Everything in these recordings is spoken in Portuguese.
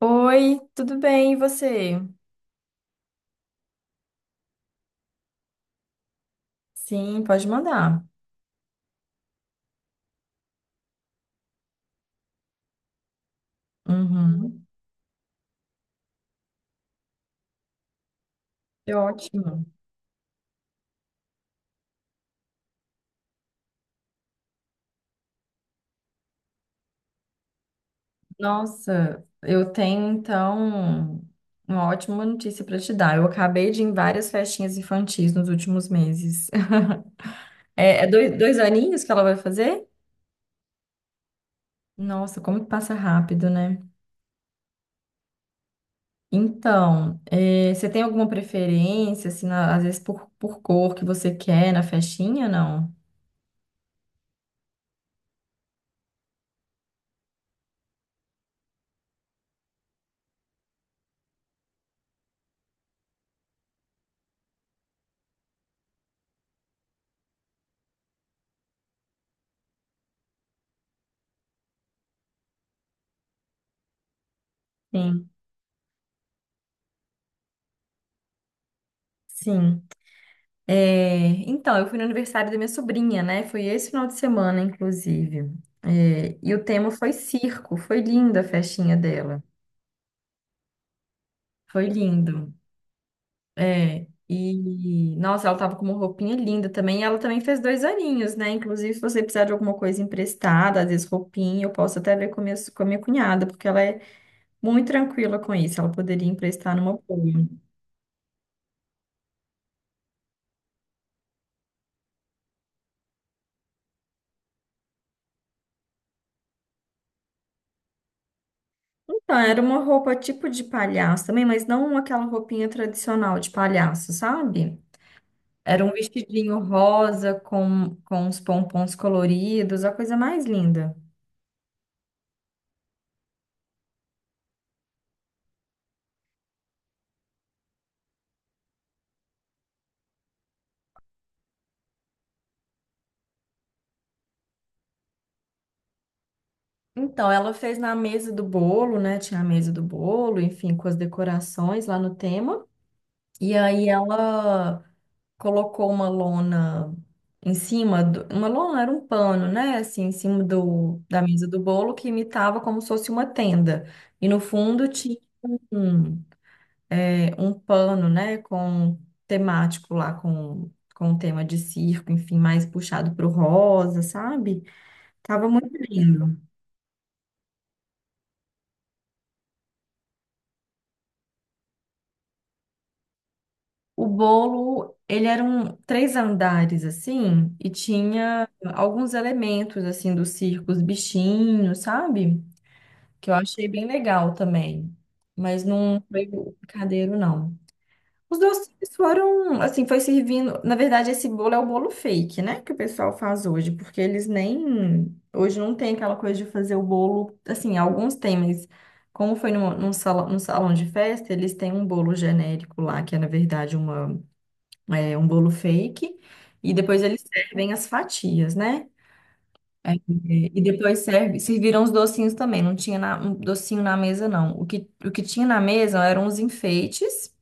Oi, tudo bem, e você? Sim, pode mandar. Uhum. É ótimo. Nossa, eu tenho então uma ótima notícia para te dar. Eu acabei de ir em várias festinhas infantis nos últimos meses. É dois aninhos que ela vai fazer? Nossa, como que passa rápido, né? Então, você tem alguma preferência, assim, às vezes por cor que você quer na festinha, não? Sim. Sim. É, então, eu fui no aniversário da minha sobrinha, né? Foi esse final de semana, inclusive. É, e o tema foi circo. Foi linda a festinha dela. Foi lindo. É, e, nossa, ela tava com uma roupinha linda também. E ela também fez dois aninhos, né? Inclusive, se você precisar de alguma coisa emprestada, às vezes roupinha, eu posso até ver com a minha, cunhada, porque ela é muito tranquila com isso. Ela poderia emprestar numa boa. Então, era uma roupa tipo de palhaço também, mas não aquela roupinha tradicional de palhaço, sabe? Era um vestidinho rosa com uns pompons coloridos, a coisa mais linda. Então, ela fez na mesa do bolo, né? Tinha a mesa do bolo, enfim, com as decorações lá no tema. E aí ela colocou uma lona em cima do, uma lona era um pano, né? Assim, em cima da mesa do bolo que imitava como se fosse uma tenda. E no fundo tinha um- um pano, né, com temático lá, com tema de circo, enfim, mais puxado pro rosa, sabe? Tava muito lindo. O bolo, ele era um três andares, assim, e tinha alguns elementos, assim, do circo, os bichinhos, sabe? Que eu achei bem legal também. Mas não foi o picadeiro, não. Os doces foram, assim, foi servindo. Na verdade, esse bolo é o bolo fake, né? Que o pessoal faz hoje, porque eles nem. Hoje não tem aquela coisa de fazer o bolo. Assim, alguns têm, mas como foi num salão de festa, eles têm um bolo genérico lá, que é, na verdade, um bolo fake. E depois eles servem as fatias, né? É, e depois serviram os docinhos também. Não tinha um docinho na mesa, não. O que tinha na mesa eram os enfeites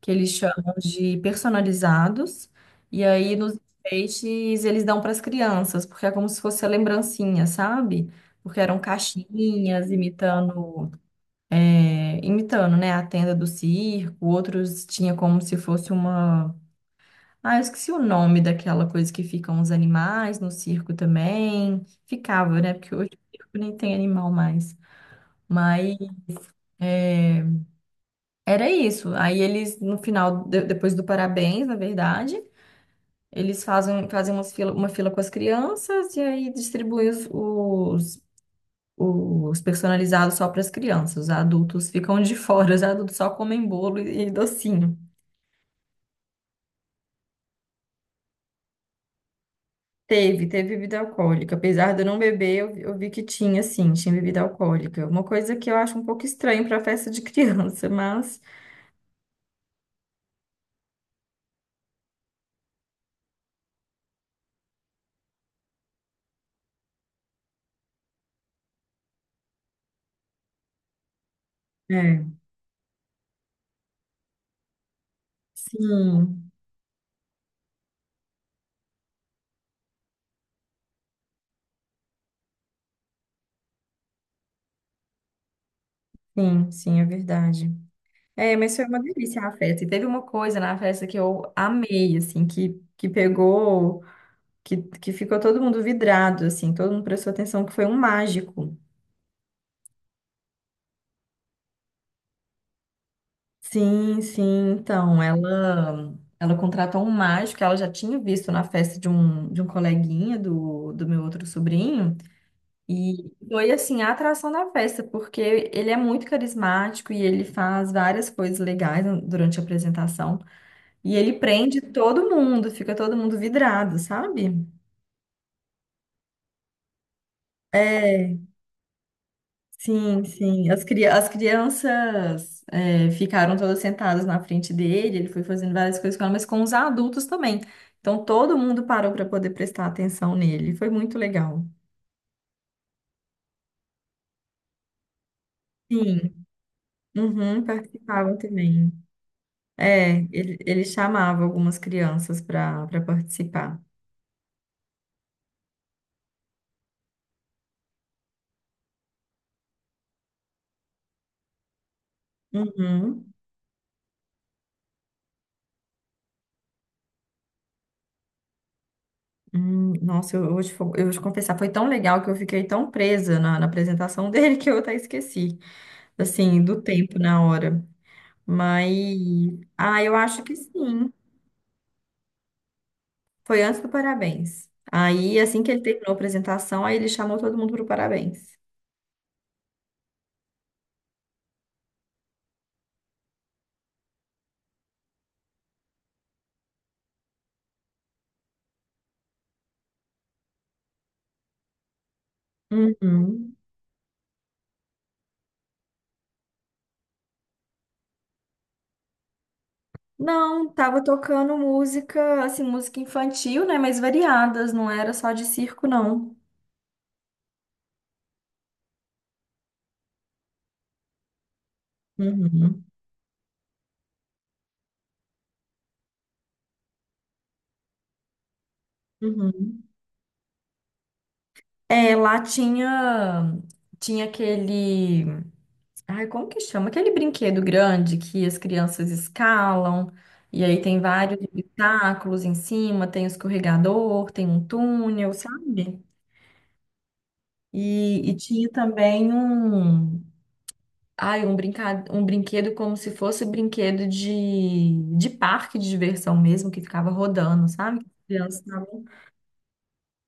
que eles chamam de personalizados. E aí, nos enfeites, eles dão para as crianças, porque é como se fosse a lembrancinha, sabe? Porque eram caixinhas imitando, imitando, né, a tenda do circo, outros tinha como se fosse uma. Ah, eu esqueci o nome daquela coisa que ficam os animais no circo também. Ficava, né? Porque hoje o circo nem tem animal mais. Mas é, era isso. Aí eles, no final, depois do parabéns, na verdade. Eles fazem uma fila com as crianças e aí distribuem os, personalizados só para as crianças. Os adultos ficam de fora, os adultos só comem bolo e docinho. Teve bebida alcoólica. Apesar de eu não beber, eu vi que tinha, sim, tinha bebida alcoólica. Uma coisa que eu acho um pouco estranho para festa de criança, mas. É. Sim, sim, sim, é verdade. É, mas foi uma delícia a festa. E teve uma coisa na festa que eu amei, assim, que pegou, que ficou todo mundo vidrado, assim, todo mundo prestou atenção que foi um mágico. Sim, sim, então, ela contratou um mágico que ela já tinha visto na festa de um, coleguinha do meu outro sobrinho, e foi, assim, a atração da festa, porque ele é muito carismático e ele faz várias coisas legais durante a apresentação, e ele prende todo mundo, fica todo mundo vidrado, sabe? É. Sim, sim. As crianças ficaram todas sentadas na frente dele, ele foi fazendo várias coisas com ela, mas com os adultos também. Então todo mundo parou para poder prestar atenção nele. Foi muito legal. Sim, uhum, participavam também. É, ele, chamava algumas crianças para participar. Uhum. Nossa, eu vou te confessar, foi tão legal que eu fiquei tão presa na apresentação dele que eu até esqueci, assim, do tempo na hora. Mas, eu acho que sim. Foi antes do parabéns. Aí, assim que ele terminou a apresentação, aí ele chamou todo mundo pro parabéns. Uhum. Não, tava tocando música, assim, música infantil, né? Mas variadas, não era só de circo, não. Uhum. Uhum. É, lá tinha, aquele. Ai, como que chama? Aquele brinquedo grande que as crianças escalam, e aí tem vários obstáculos em cima, tem um escorregador, tem um túnel, sabe? E tinha também um brinquedo como se fosse brinquedo de, parque de diversão mesmo, que ficava rodando, sabe? Que as crianças estavam-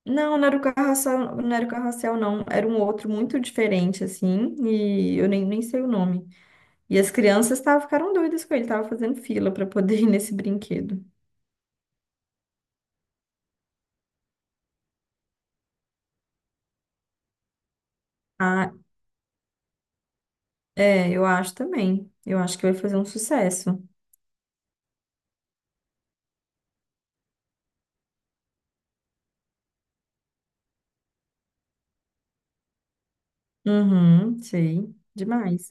Não, não era o carrossel, não era o carrossel, não. Era um outro muito diferente, assim, e eu nem sei o nome. E as crianças ficaram doidas com ele, estavam fazendo fila para poder ir nesse brinquedo. Ah, é, eu acho também. Eu acho que vai fazer um sucesso. Uhum, sei. Demais.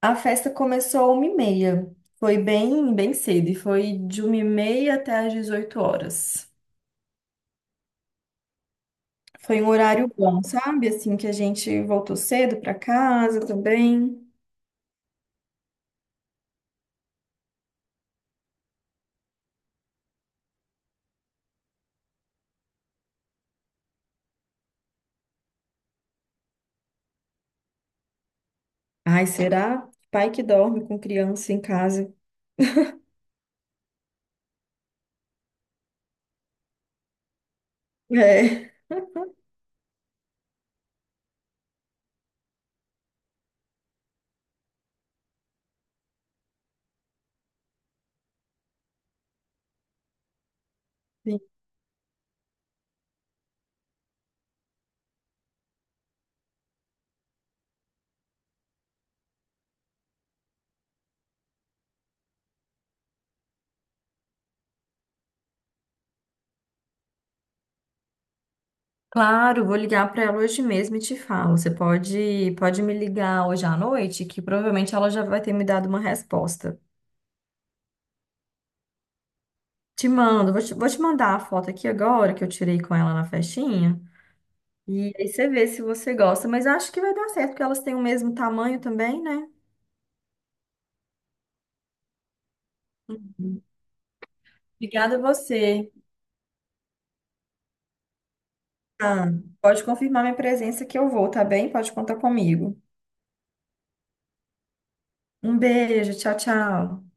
A festa começou 1h30. Foi bem, bem cedo e foi de 1h30 até às 18 horas. Foi um horário bom, sabe? Assim que a gente voltou cedo para casa também. Ai, será? Pai que dorme com criança em casa. É. Claro, vou ligar para ela hoje mesmo e te falo. Você pode me ligar hoje à noite, que provavelmente ela já vai ter me dado uma resposta. Te mando, vou te mandar a foto aqui agora que eu tirei com ela na festinha. E aí você vê se você gosta. Mas acho que vai dar certo, porque elas têm o mesmo tamanho também, né? Obrigada a você. Ah, pode confirmar minha presença que eu vou, tá bem? Pode contar comigo. Um beijo, tchau, tchau.